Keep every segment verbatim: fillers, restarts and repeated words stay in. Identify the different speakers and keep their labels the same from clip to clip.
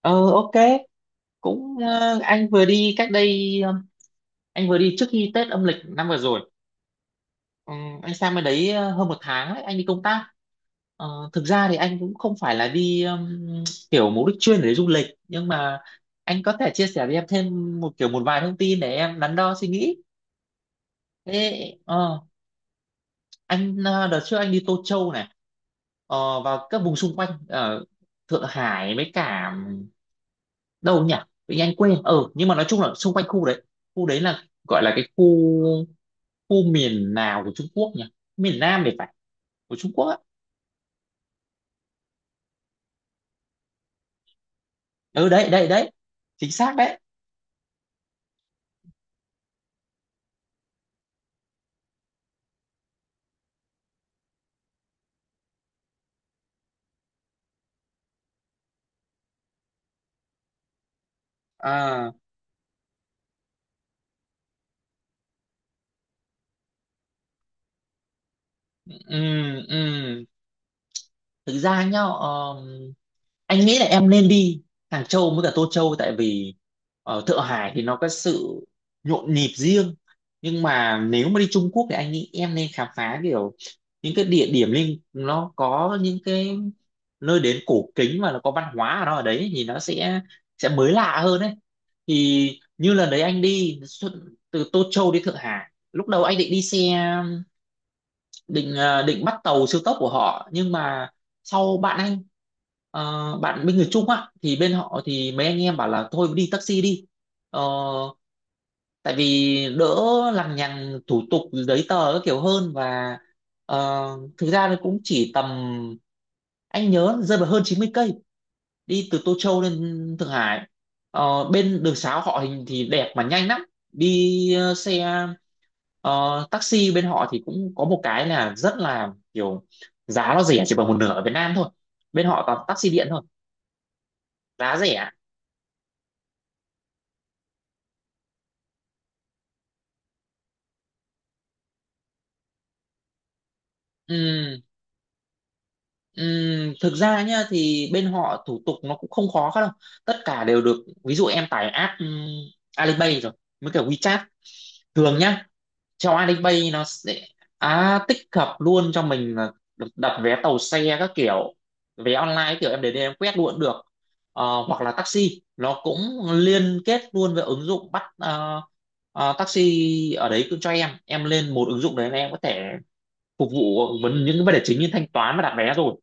Speaker 1: ờ ok. Cũng ờ, anh vừa đi cách đây ờ, anh vừa đi trước khi Tết âm lịch năm vừa rồi. Ờ, anh sang bên đấy ờ, hơn một tháng ấy, anh đi công tác. Ờ, thực ra thì anh cũng không phải là đi ừm, kiểu mục đích chuyên để du lịch, nhưng mà anh có thể chia sẻ với em thêm một kiểu một vài thông tin để em đắn đo suy nghĩ. Thế ờ, anh ờ, đợt trước anh đi Tô Châu này, ờ, và các vùng xung quanh ở Thượng Hải với cả, đâu nhỉ, tự nhiên anh quên, ờ nhưng mà nói chung là xung quanh khu đấy. Khu đấy là gọi là cái khu, khu miền nào của Trung Quốc nhỉ, miền Nam thì phải, của Trung Quốc á. Ừ, đấy đấy đấy, chính xác đấy. À, ừm, ừm. thực ra nhá, ờ, anh nghĩ là em nên đi Hàng Châu với cả Tô Châu, tại vì ở Thượng Hải thì nó có sự nhộn nhịp riêng, nhưng mà nếu mà đi Trung Quốc thì anh nghĩ em nên khám phá kiểu những cái địa điểm liên, nó có những cái nơi đến cổ kính mà nó có văn hóa ở nó ở đấy thì nó sẽ sẽ mới lạ hơn đấy. Thì như lần đấy anh đi xuất- từ Tô Châu đi Thượng Hải, lúc đầu anh định đi xe, định ờ, định bắt tàu siêu tốc của họ, nhưng mà sau bạn anh, ờ, bạn bên người Trung á, thì bên họ thì mấy anh em bảo là thôi đi taxi đi. Ờ, Tại vì đỡ lằng nhằng thủ tục giấy tờ các kiểu hơn. Và ờ, thực ra nó cũng chỉ tầm, anh nhớ rơi vào hơn chín mươi cây đi từ Tô Châu lên Thượng Hải. Ờ, bên đường sá họ hình thì đẹp mà nhanh lắm. Đi ờ, xe ờ, taxi bên họ thì cũng có một cái là rất là kiểu, giá nó rẻ chỉ bằng một nửa ở Việt Nam thôi. Bên họ toàn taxi điện thôi, giá rẻ. Ừm, ừm, thực ra nhá thì bên họ thủ tục nó cũng không khó đâu, tất cả đều được. Ví dụ em tải app ừm, Alipay rồi mới cả WeChat. Thường nhá, trong Alipay nó sẽ, à, tích hợp luôn cho mình là được đặt vé tàu xe các kiểu, vé online các kiểu, em đến đây em quét luôn cũng được. Ờ, hoặc là taxi nó cũng liên kết luôn với ứng dụng bắt ờ, ờ, taxi ở đấy, cứ cho em em lên một ứng dụng đấy là em có thể phục vụ vấn những cái vấn đề chính như thanh toán và đặt vé rồi.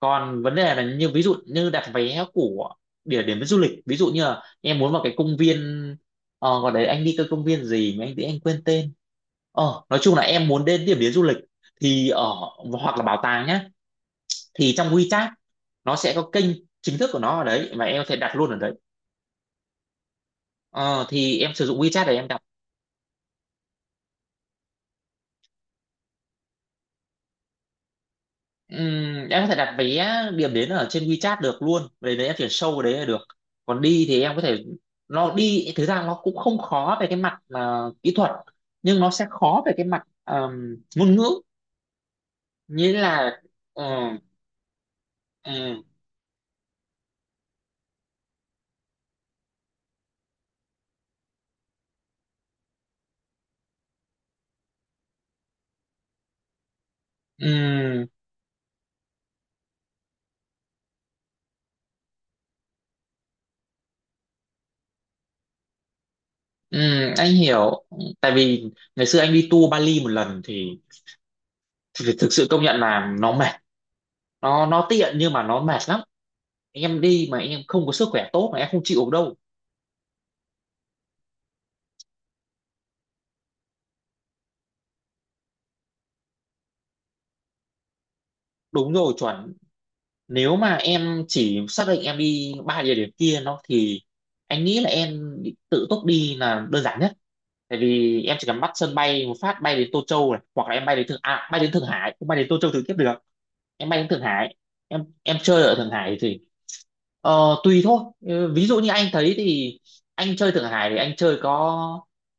Speaker 1: Còn vấn đề là như ví dụ như đặt vé của địa điểm du lịch, ví dụ như là em muốn vào cái công viên, ờ, gọi đấy anh đi cái công viên gì mà anh thì anh quên tên, ờ nói chung là em muốn đến điểm đến du lịch thì ở, hoặc là bảo tàng nhá, thì trong WeChat nó sẽ có kênh chính thức của nó ở đấy mà em có thể đặt luôn ở đấy. ờ, thì em sử dụng WeChat để em đặt. Ừm, em có thể đặt vé điểm đến ở trên WeChat được luôn, về đấy em chuyển sâu vào đấy là được. Còn đi thì em có thể, nó đi thực ra nó cũng không khó về cái mặt mà kỹ thuật, nhưng nó sẽ khó về cái mặt ờm, ngôn ngữ, nghĩa là ờ, ừm, ừm, ừm, anh hiểu. Tại vì ngày xưa anh đi tour Bali một lần thì, thì thực sự công nhận là nó mệt, nó nó tiện nhưng mà nó mệt lắm. Em đi mà em không có sức khỏe tốt mà em không chịu được đâu. Đúng rồi, chuẩn. Nếu mà em chỉ xác định em đi ba địa điểm kia nó thì anh nghĩ là em tự túc đi là đơn giản nhất. Tại vì em chỉ cần bắt sân bay một phát bay đến Tô Châu này, hoặc là em bay đến Thượng à, bay đến Thượng Hải cũng bay đến Tô Châu trực tiếp được. Em bay đến Thượng Hải, em em chơi ở Thượng Hải thì Ờ, tùy thôi. Ừ, ví dụ như anh thấy thì anh chơi Thượng Hải thì anh chơi có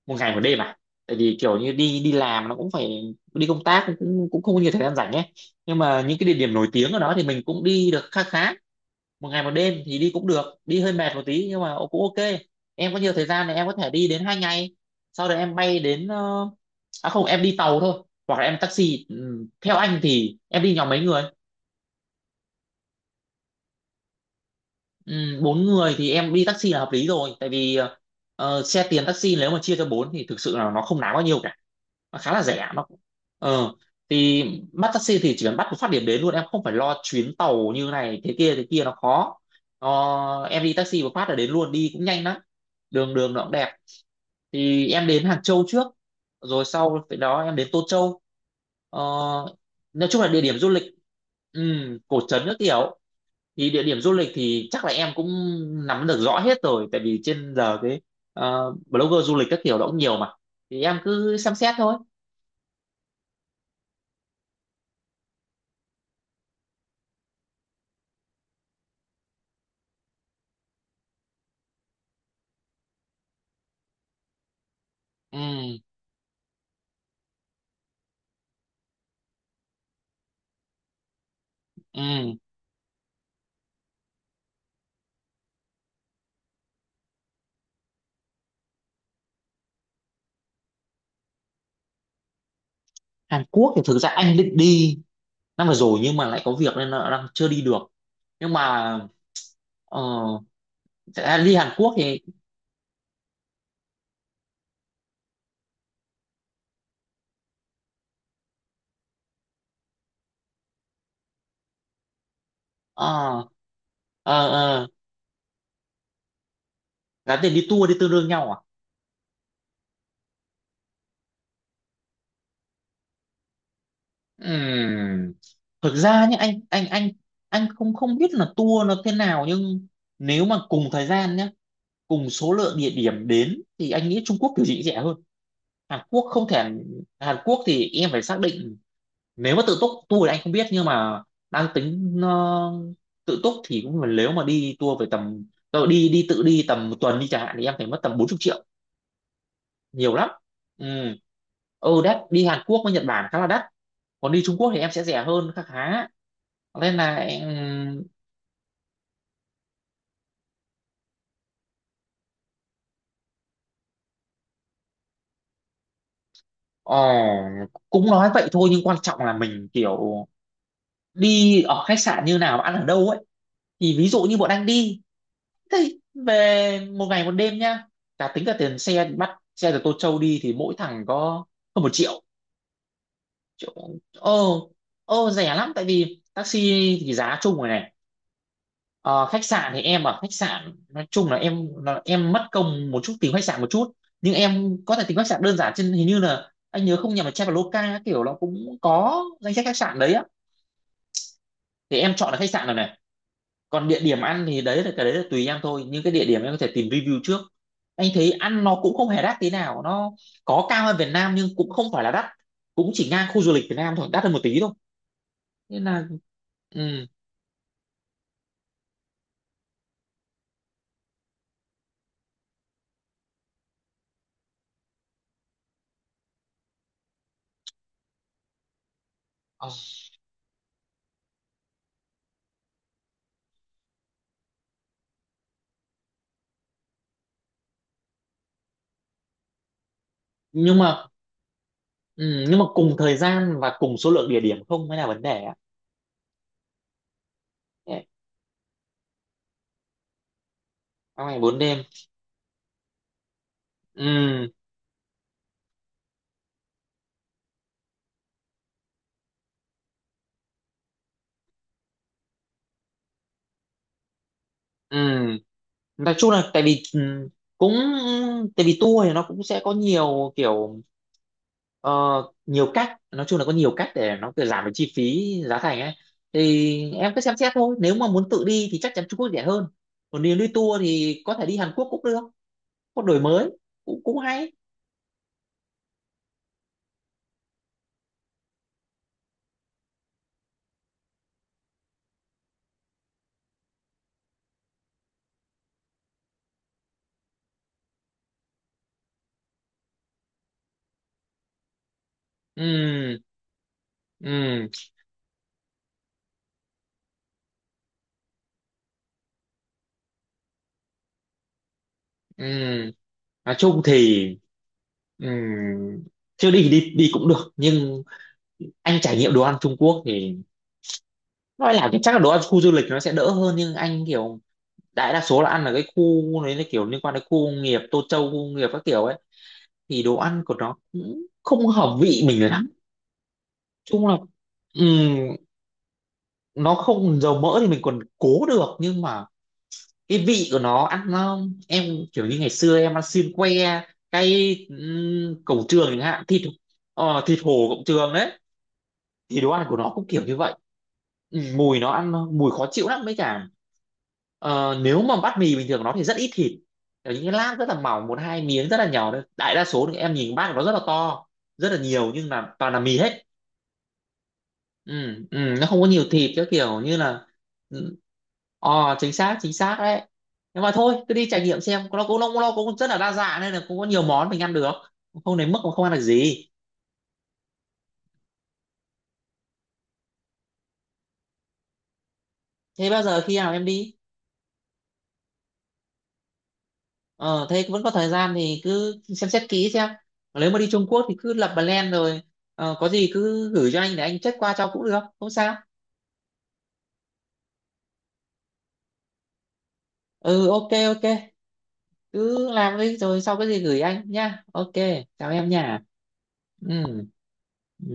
Speaker 1: một ngày một đêm à. Tại vì kiểu như đi đi làm nó cũng phải đi công tác, cũng cũng cũng không có nhiều thời gian rảnh ấy. Nhưng mà những cái địa điểm nổi tiếng ở đó thì mình cũng đi được khá khá. Một ngày một đêm thì đi cũng được, đi hơi mệt một tí nhưng mà cũng ok. Em có nhiều thời gian thì em có thể đi đến hai ngày. Sau đó em bay đến ờ, à không, em đi tàu thôi hoặc là em taxi. Ừ, theo anh thì em đi nhóm mấy người? Ừ, bốn người thì em đi taxi là hợp lý rồi, tại vì ờ, xe tiền taxi nếu mà chia cho bốn thì thực sự là nó không đáng bao nhiêu cả, nó khá là rẻ nó ờ thì bắt taxi thì chỉ cần bắt một phát điểm đến luôn, em không phải lo chuyến tàu như này thế kia thế kia nó khó. Ờ, em đi taxi một phát là đến luôn, đi cũng nhanh lắm, đường đường nó cũng đẹp. Thì em đến Hàng Châu trước, rồi sau cái đó em đến Tô Châu. ờ, nói chung là địa điểm du lịch, ừ, cổ trấn các kiểu. Thì địa điểm du lịch thì chắc là em cũng nắm được rõ hết rồi, tại vì trên giờ cái ờ, blogger du lịch các kiểu đó cũng nhiều mà, thì em cứ xem xét thôi. Ừ. Ừ. Hàn Quốc thì thực ra anh định đi năm vừa rồi nhưng mà lại có việc nên là đang chưa đi được, nhưng mà ờ, thật ra đi Hàn Quốc thì ờ ờ ờ giá tiền đi tour đi tương đương nhau à? Ừm, thực ra nhé, anh anh anh anh không không biết là tour nó thế nào, nhưng nếu mà cùng thời gian nhé, cùng số lượng địa điểm đến thì anh nghĩ Trung Quốc kiểu gì cũng rẻ hơn Hàn Quốc. Không thể, Hàn Quốc thì em phải xác định, nếu mà tự túc tour thì anh không biết nhưng mà đang tính ờ, tự túc thì cũng, nếu mà đi tour về tầm, tự đi đi tự đi tầm một tuần đi chẳng hạn thì em phải mất tầm bốn mươi triệu, nhiều lắm. Ừ. Ừ, đắt, đi Hàn Quốc với Nhật Bản khá là đắt, còn đi Trung Quốc thì em sẽ rẻ hơn khá khá, nên là em ờ, cũng nói vậy thôi nhưng quan trọng là mình kiểu đi ở khách sạn như nào, ăn ở đâu ấy. Thì ví dụ như bọn anh đi thế, về một ngày một đêm nhá, cả tính cả tiền xe bắt xe từ Tô Châu đi thì mỗi thằng có hơn một triệu, triệu ô, ô rẻ lắm. Tại vì taxi thì giá chung rồi này. Ờ, khách sạn thì em ở khách sạn, nói chung là em là em mất công một chút tìm khách sạn một chút, nhưng em có thể tìm khách sạn đơn giản trên, hình như là anh nhớ không nhầm là Traveloka các kiểu, nó cũng có danh sách khách sạn đấy á. Thì em chọn là khách sạn rồi này. Còn địa điểm ăn thì đấy là, cái đấy là tùy em thôi, nhưng cái địa điểm em có thể tìm review trước. Anh thấy ăn nó cũng không hề đắt tí nào, nó có cao hơn Việt Nam nhưng cũng không phải là đắt, cũng chỉ ngang khu du lịch Việt Nam thôi, đắt hơn một tí thôi, nên là ừ. ờ, nhưng mà ừ, nhưng mà cùng thời gian và cùng số lượng địa điểm không mới là vấn đề á. Đấy, trong ngày bốn đêm. Ừ, ừ, nói chung là tại vì ừm, cũng tại vì tour thì nó cũng sẽ có nhiều kiểu ờ, nhiều cách, nói chung là có nhiều cách để nó kiểu giảm được chi phí giá thành ấy. Thì em cứ xem xét thôi, nếu mà muốn tự đi thì chắc chắn Trung Quốc rẻ hơn, còn nếu đi tour thì có thể đi Hàn Quốc cũng được, có đổi mới cũng cũng hay. Ừ. Ừ. Ừ, nói chung thì ừ, chưa đi thì đi đi cũng được, nhưng anh trải nghiệm đồ ăn Trung Quốc thì nói là cái- chắc là đồ ăn khu du lịch nó sẽ đỡ hơn, nhưng anh kiểu đại đa số là ăn ở cái khu đấy là kiểu liên quan đến khu công nghiệp Tô Châu, khu công nghiệp các kiểu ấy, thì đồ ăn của nó cũng không hợp vị mình lắm. Chung là ừm, nó không dầu mỡ thì mình còn cố được, nhưng mà cái vị của nó ăn nó, em kiểu như ngày xưa em ăn xiên que cay ừm, cổng trường chẳng hạn, thịt ờ, thịt hổ cổng trường đấy, thì đồ ăn của nó cũng kiểu như vậy. Ừ, mùi nó ăn, mùi khó chịu lắm. Mấy cả ờ, nếu mà bát mì bình thường nó thì rất ít thịt. Kiểu những cái lát rất là mỏng, một hai miếng rất là nhỏ thôi, đại đa số thì em nhìn bát của nó rất là to, rất là nhiều nhưng là toàn là mì hết. Ừ, ừ, nó không có nhiều thịt, cái kiểu như là ừ, ờ, chính xác chính xác đấy. Nhưng mà thôi cứ đi trải nghiệm xem, nó cũng nó cũng nó cũng rất là đa dạng nên là cũng có nhiều món mình ăn được, không đến mức mà không ăn được gì. Thế bao giờ khi nào em đi? Ờ, thế vẫn có thời gian thì cứ xem xét kỹ xem. Nếu mà đi Trung Quốc thì cứ lập plan rồi. Ờ, có gì cứ gửi cho anh để anh check qua cho cũng được. Không sao. Ừ, ok, ok. Cứ làm đi rồi sau cái gì gửi anh nhá. Ok, chào em nha. Ừ. Ừ.